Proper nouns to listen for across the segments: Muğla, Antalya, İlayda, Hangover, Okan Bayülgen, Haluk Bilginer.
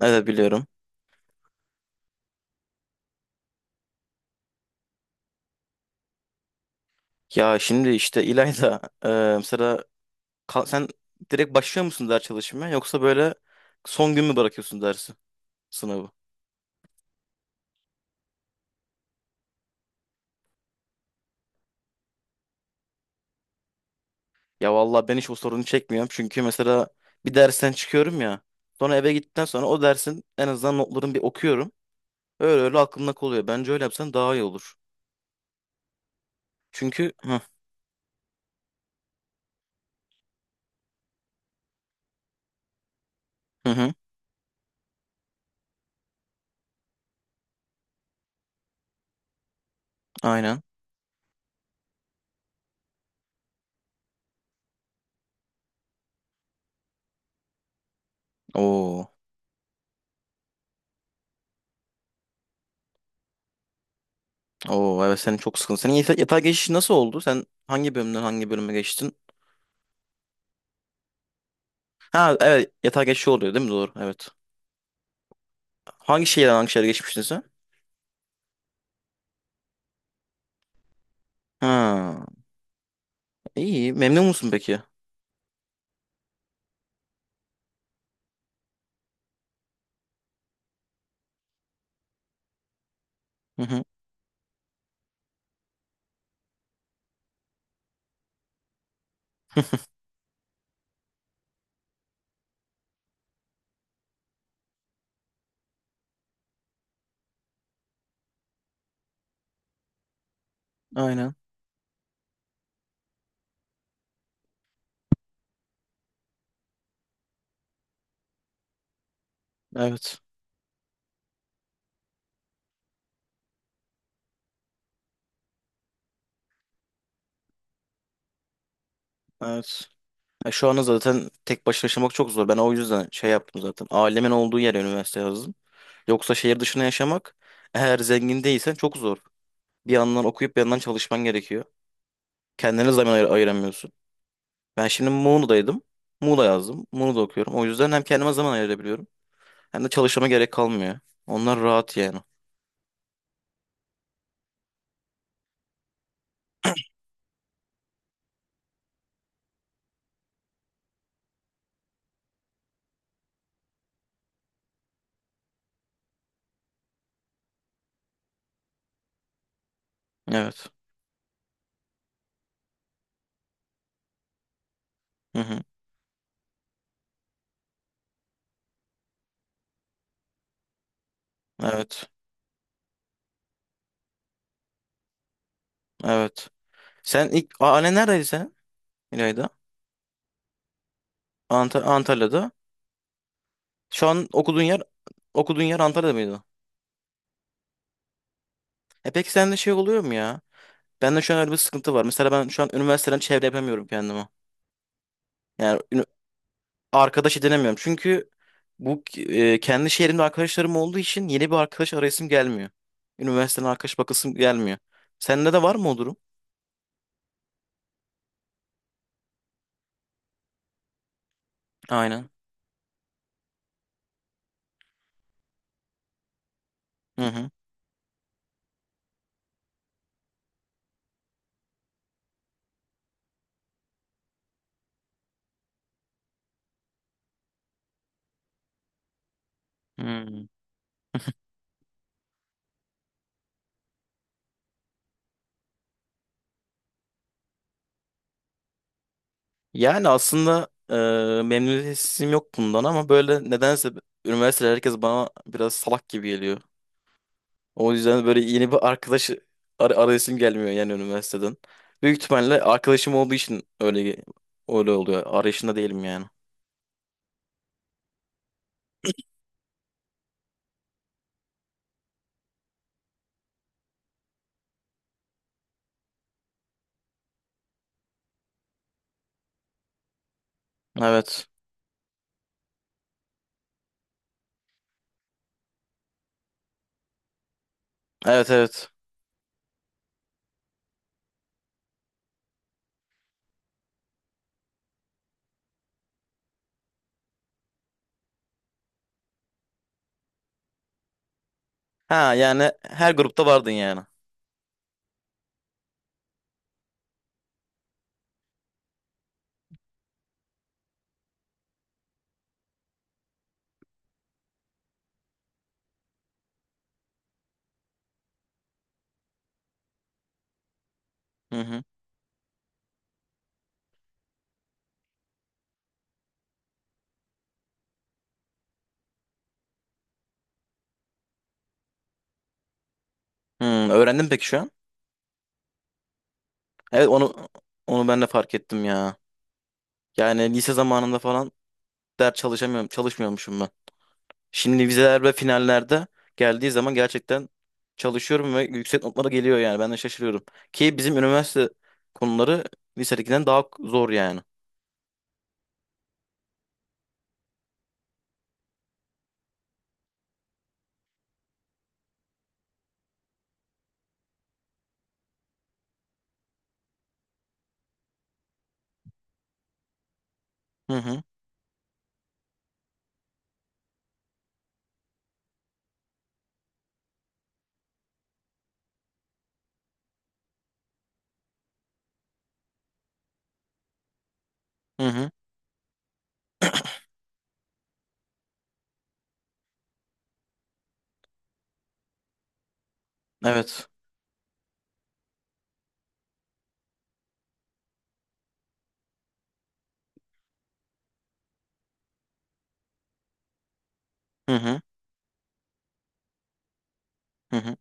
Evet biliyorum. Ya şimdi işte İlayda, mesela sen direkt başlıyor musun ders çalışmaya yoksa böyle son gün mü bırakıyorsun dersi sınavı? Ya vallahi ben hiç o sorunu çekmiyorum çünkü mesela bir dersten çıkıyorum ya, sonra eve gittikten sonra o dersin en azından notlarını bir okuyorum. Öyle öyle aklımda kalıyor. Bence öyle yapsan daha iyi olur. Çünkü. Hı hı. Hı. Aynen. Oo. Oo, evet senin çok sıkıntı. Senin yatağa geçiş nasıl oldu? Sen hangi bölümden hangi bölüme geçtin? Ha, evet, yatağa geçiş oluyor değil mi? Doğru, evet. Hangi şehirden hangi şehre geçmiştin sen? Ha, iyi. Memnun musun peki? Hı hı. Aynen. Evet. Evet. Ya şu anda zaten tek başına yaşamak çok zor. Ben o yüzden şey yaptım zaten. Ailemin olduğu yere üniversite yazdım. Yoksa şehir dışına yaşamak, eğer zengin değilsen, çok zor. Bir yandan okuyup bir yandan çalışman gerekiyor. Kendine zaman ayıramıyorsun. Ben şimdi Muğla'daydım. Muğla yazdım. Muğla'da okuyorum. O yüzden hem kendime zaman ayırabiliyorum hem de çalışmama gerek kalmıyor. Onlar rahat yani. Evet. Hı hı. Evet. Evet. Sen ilk annen neredeydi sen? İlayda. Antalya'da. Şu an okuduğun yer Antalya'da mıydı? E, peki sende şey oluyor mu ya? Bende şu an öyle bir sıkıntı var. Mesela ben şu an üniversiteden çevre yapamıyorum kendime. Yani arkadaş edinemiyorum. Çünkü bu, kendi şehrimde arkadaşlarım olduğu için yeni bir arkadaş arayasım gelmiyor. Üniversiteden arkadaş bakasım gelmiyor. Sende de var mı o durum? Aynen. Hı hı. Hı. Yani aslında memnuniyetsizliğim yok bundan ama böyle nedense üniversitede herkes bana biraz salak gibi geliyor. O yüzden böyle yeni bir arkadaş arayışım gelmiyor yani, üniversiteden. Büyük ihtimalle arkadaşım olduğu için öyle öyle oluyor. Arayışında değilim yani. Evet. Evet, evet. Ha, yani her grupta vardın yani. Hı hı. Hı, öğrendin peki şu an? Evet, onu ben de fark ettim ya. Yani lise zamanında falan ders çalışamıyorum, çalışmıyormuşum ben. Şimdi vizeler ve finallerde geldiği zaman gerçekten çalışıyorum ve yüksek notlara geliyor yani. Ben de şaşırıyorum. Ki bizim üniversite konuları lisedekinden daha zor yani. Hı hı. Hı hı. Evet. Hı hı. Hı hı.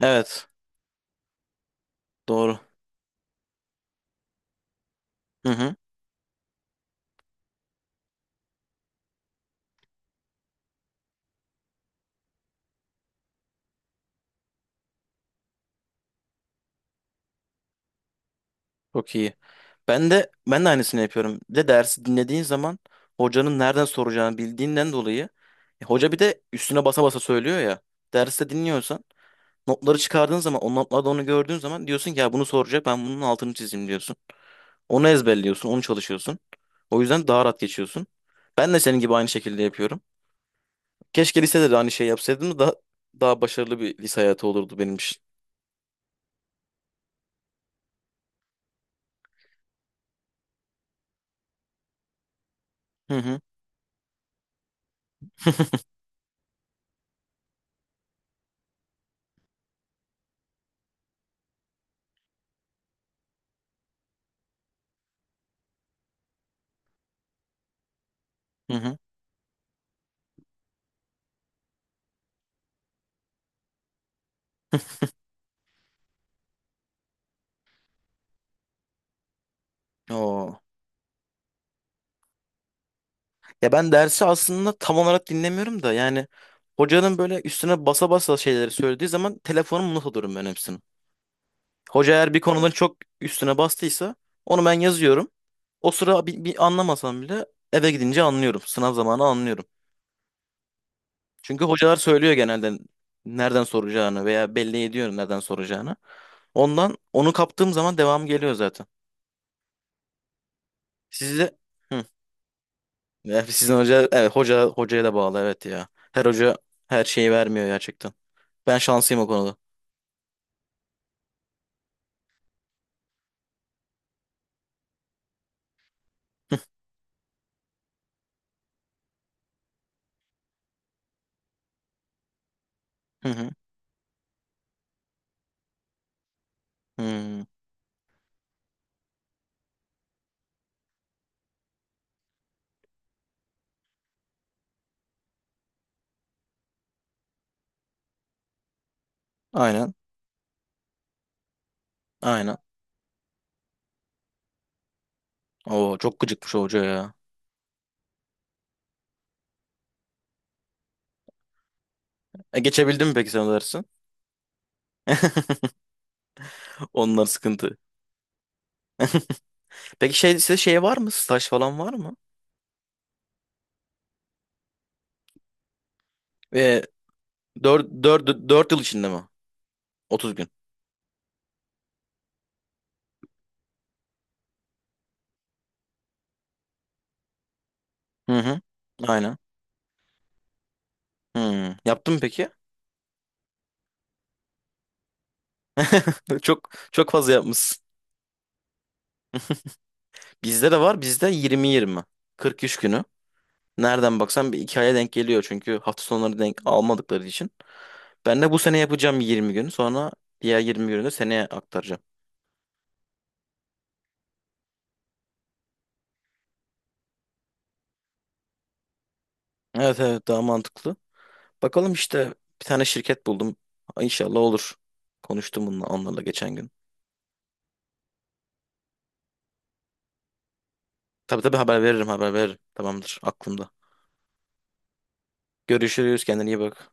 Evet. Doğru. Hı hı. Çok iyi. Ben de aynısını yapıyorum. Bir de dersi dinlediğin zaman hocanın nereden soracağını bildiğinden dolayı, hoca bir de üstüne basa basa söylüyor ya. Derste dinliyorsan, notları çıkardığın zaman, o notlarda onu gördüğün zaman diyorsun ki ya bunu soracak, ben bunun altını çizeyim diyorsun. Onu ezberliyorsun, onu çalışıyorsun. O yüzden daha rahat geçiyorsun. Ben de senin gibi aynı şekilde yapıyorum. Keşke lisede de aynı şey yapsaydım da daha başarılı bir lise hayatı olurdu benim için. Hı hı. Hı hı. Oo. Ya ben dersi aslında tam olarak dinlemiyorum da yani, hocanın böyle üstüne basa basa şeyleri söylediği zaman telefonumu not alıyorum ben hepsini. Hoca eğer bir konudan çok üstüne bastıysa onu ben yazıyorum. O sıra bir anlamasam bile eve gidince anlıyorum. Sınav zamanı anlıyorum. Çünkü hocalar söylüyor genelde nereden soracağını, veya belli ediyor nereden soracağını. Ondan onu kaptığım zaman devam geliyor zaten. Sizde. Hı. Ya, sizin hoca, evet, hoca hocaya da bağlı, evet ya. Her hoca her şeyi vermiyor gerçekten. Ben şanslıyım o konuda. Hı hı. Hı. Aynen. Aynen. Oo, çok gıcıkmış o hoca ya. E, geçebildin mi peki sen o dersin? Onlar sıkıntı. Peki şey, size şey var mı? Staj falan var mı? Ve dört yıl içinde mi? 30 gün. Hı hı. Aynen. Hmm. Yaptın mı peki? Çok çok fazla yapmışsın. Bizde de var. Bizde 20-20. 40 iş günü. Nereden baksan bir iki aya denk geliyor. Çünkü hafta sonları denk almadıkları için. Ben de bu sene yapacağım 20 gün. Sonra diğer 20 günü de seneye aktaracağım. Evet, evet daha mantıklı. Bakalım işte, bir tane şirket buldum. İnşallah olur. Konuştum bununla, onlarla geçen gün. Tabii, tabii haber veririm, haber veririm. Tamamdır, aklımda. Görüşürüz, kendine iyi bak.